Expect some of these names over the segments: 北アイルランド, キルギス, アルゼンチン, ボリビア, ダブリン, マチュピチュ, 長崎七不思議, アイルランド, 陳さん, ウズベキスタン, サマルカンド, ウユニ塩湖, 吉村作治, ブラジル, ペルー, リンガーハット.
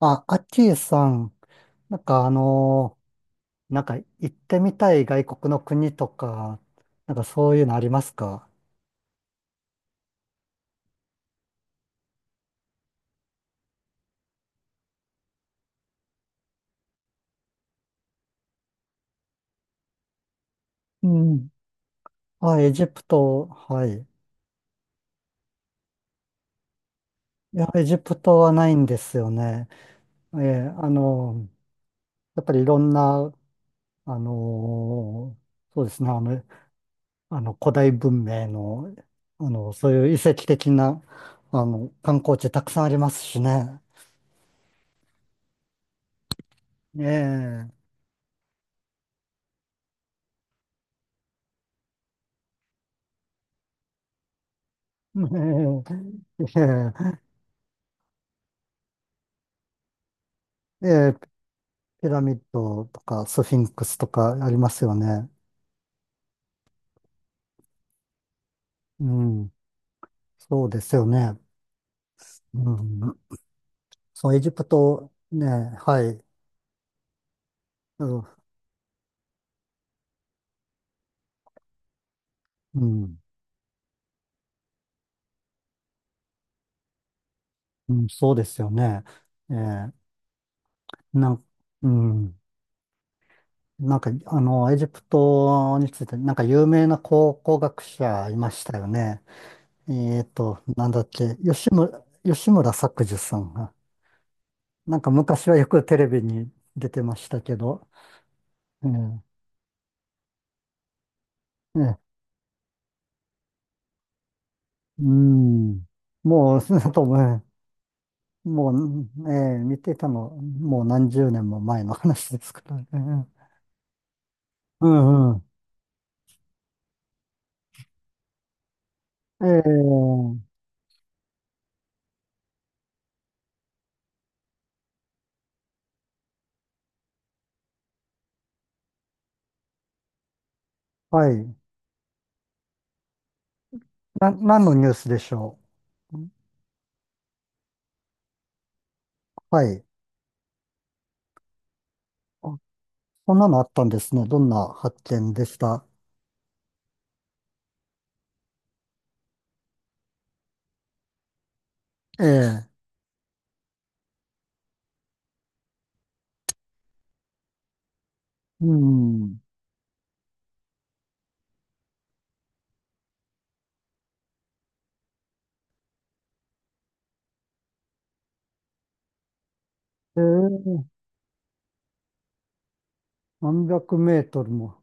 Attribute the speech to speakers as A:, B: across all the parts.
A: あ、アッキーさん、なんかあのなんか行ってみたい外国の国とか、なんかそういうのありますか？うん。あ、エジプト、はい。いや、エジプトはないんですよね。ええ、やっぱりいろんな、そうですね、あの古代文明の、そういう遺跡的な、観光地たくさんありますしね。ええ、ええ、ええ、ええ、ピラミッドとかスフィンクスとかありますよね。うん。そうですよね。うん。そう、エジプト、ね、はい。うん。うん、そうですよね。えー、なん、うん。エジプトについて、有名な考古学者いましたよね。なんだっけ、吉村作治さんが。なんか昔はよくテレビに出てましたけど、ええええ、うん。もう、とも、もう、見ていたの、もう何十年も前の話ですからね。うんうん。ええ、はい。何のニュースでしょう？はい。あ、そんなのあったんですね。どんな発見でした？ええ、うん。ええ、何百メートルも。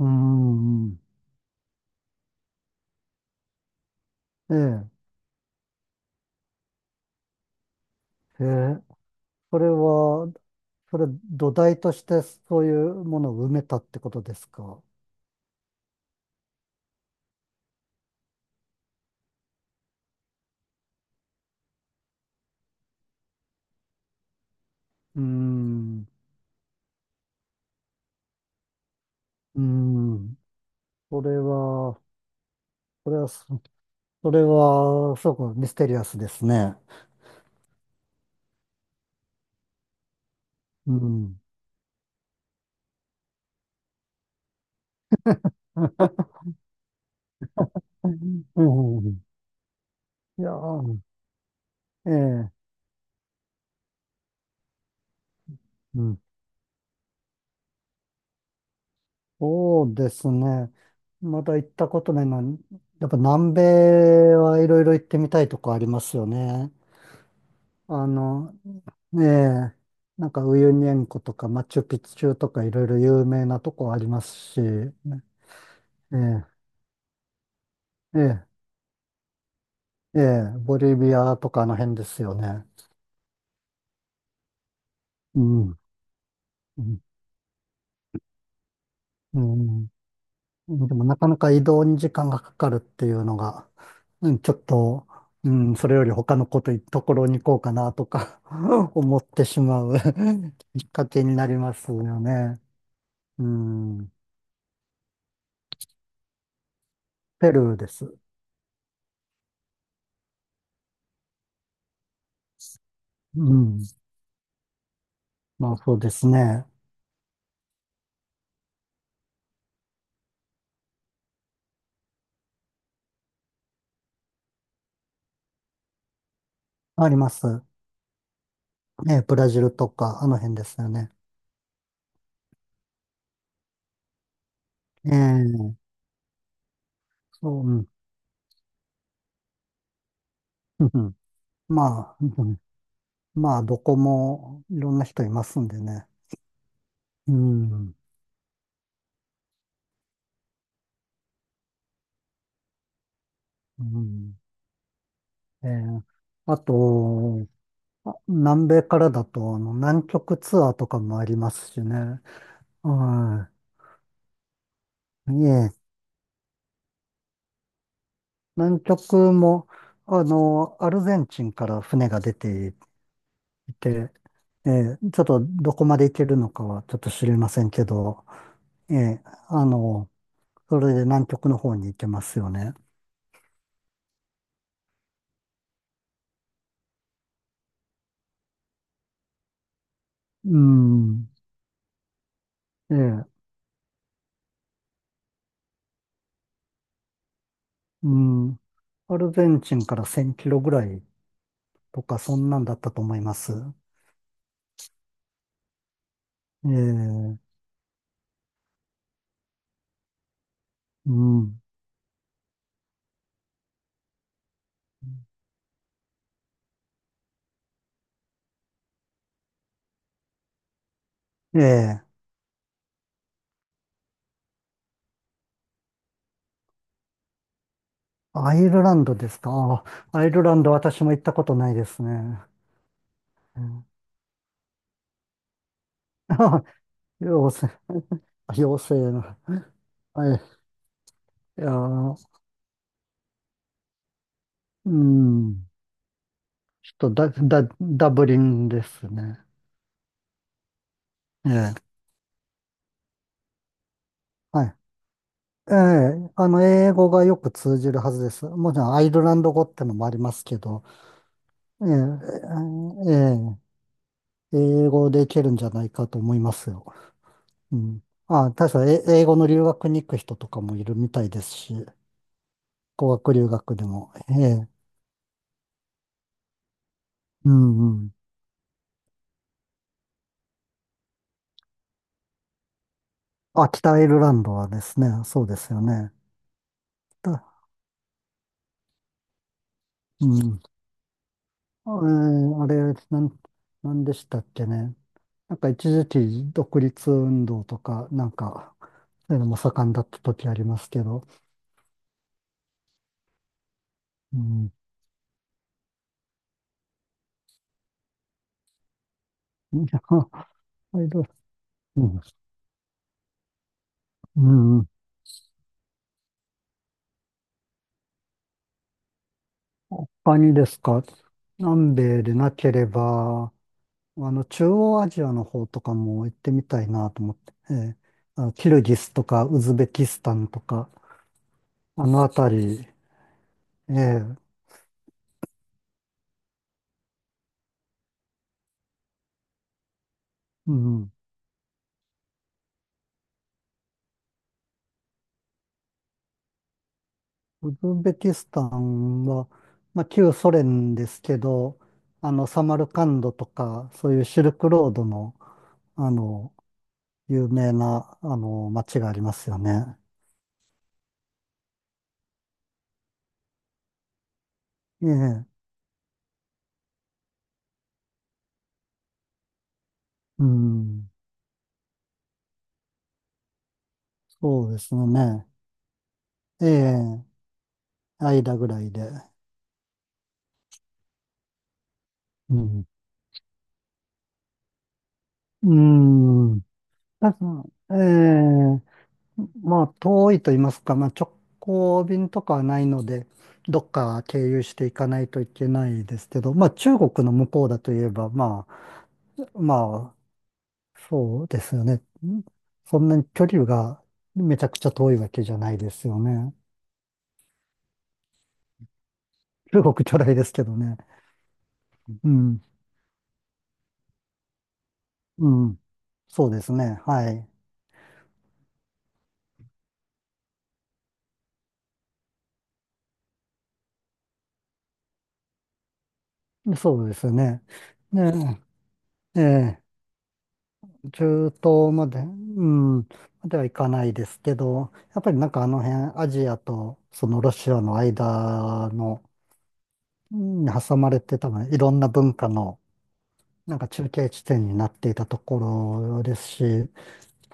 A: うん。ええ、ええ、それは、それ土台としてそういうものを埋めたってことですか？うーん、うーん。それは、それは、そそれは、すごくミステリアスですね。うん。うん。いやー、ええ、うん。そうですね。まだ行ったことないのは、やっぱ南米はいろいろ行ってみたいとこありますよね。あの、ええ、ウユニ塩湖とかマチュピチュとかいろいろ有名なとこありますし、ね。ええ、ええ。ええ、ボリビアとかあの辺ですよね。うん。うん。うん、でもなかなか移動に時間がかかるっていうのが、うん、ちょっと、うん、それより他のところに行こうかなとか 思ってしまう きっかけになりますよね。うん。ペルーです。うん。まあそうですね。あります。ええ、ブラジルとか、あの辺ですよね。ええ、そう、うん。うんうん、まあ、うん、まあ、どこもいろんな人いますんでね。うん。うん。えーあと、南米からだと、南極ツアーとかもありますしね。はい。いえ、南極も、アルゼンチンから船が出ていて、えちょっとどこまで行けるのかはちょっと知りませんけど、えーあの、それで南極の方に行けますよね。うん。ええ、うん。アルゼンチンから1000キロぐらいとか、そんなんだったと思います。ええ、うん。ええ、アイルランドですか。アイルランド私も行ったことないですね。うん、あ、 妖精、妖精の。はい。いやー、うん。ちょっとダブリンですね。ええ、はい。ええ、英語がよく通じるはずです。もちろんアイルランド語ってのもありますけど、ええ、ええ、ええ、英語でいけるんじゃないかと思いますよ。うん。あ、確か英語の留学に行く人とかもいるみたいですし、語学留学でも。ええ。うんうん。あ、北アイルランドはですね、そうですよね。だ、うん。あえあれ、なんでしたっけね。なんか一時期独立運動とか、なんか、そういうのも盛んだった時ありますけど。うん。いや、アイル、うん。うん。他にですか、南米でなければ、中央アジアの方とかも行ってみたいなと思って、ええ、キルギスとかウズベキスタンとか、あの辺り、ええ、うん、ウズベキスタンは、まあ、旧ソ連ですけど、サマルカンドとか、そういうシルクロードの、あの、有名な、街がありますよね。ええ、うん、そうですよね。ええ、間ぐらいで。うん。うーん。ただ、ええ、まあ、遠いと言いますか、まあ、直行便とかはないので、どっか経由していかないといけないですけど、まあ、中国の向こうだといえば、まあ、まあ、そうですよね。そんなに距離がめちゃくちゃ遠いわけじゃないですよね。中国巨大ですけどね。うん、うん。そうですね。はい。そうですよね。ねえ、ええ、中東まで、うん、までは行かないですけど、やっぱりなんかあの辺、アジアとそのロシアの間の、うんに挟まれて多分いろんな文化の、中継地点になっていたところですし、え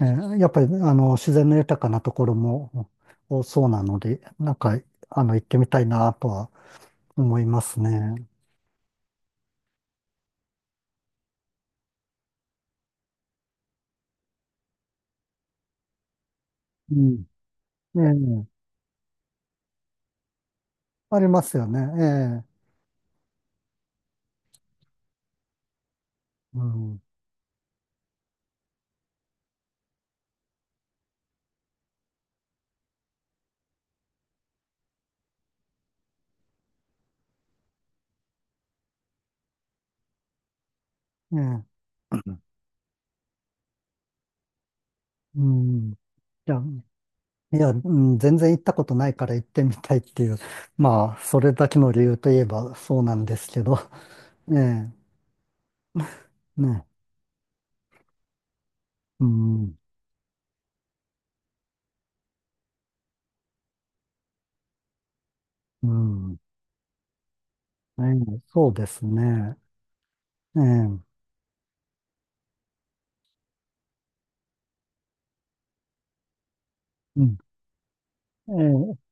A: ーやっぱり自然の豊かなところも多そうなので、行ってみたいなとは思いますね。うん。ええ、ありますよね。ええ、うん。ええ、うん。いやいや、うん、全然行ったことないから行ってみたいっていう、まあ、それだけの理由といえばそうなんですけど、ねえ、ね、うん、うん、ええ、そうですね、ええ、うん、ええ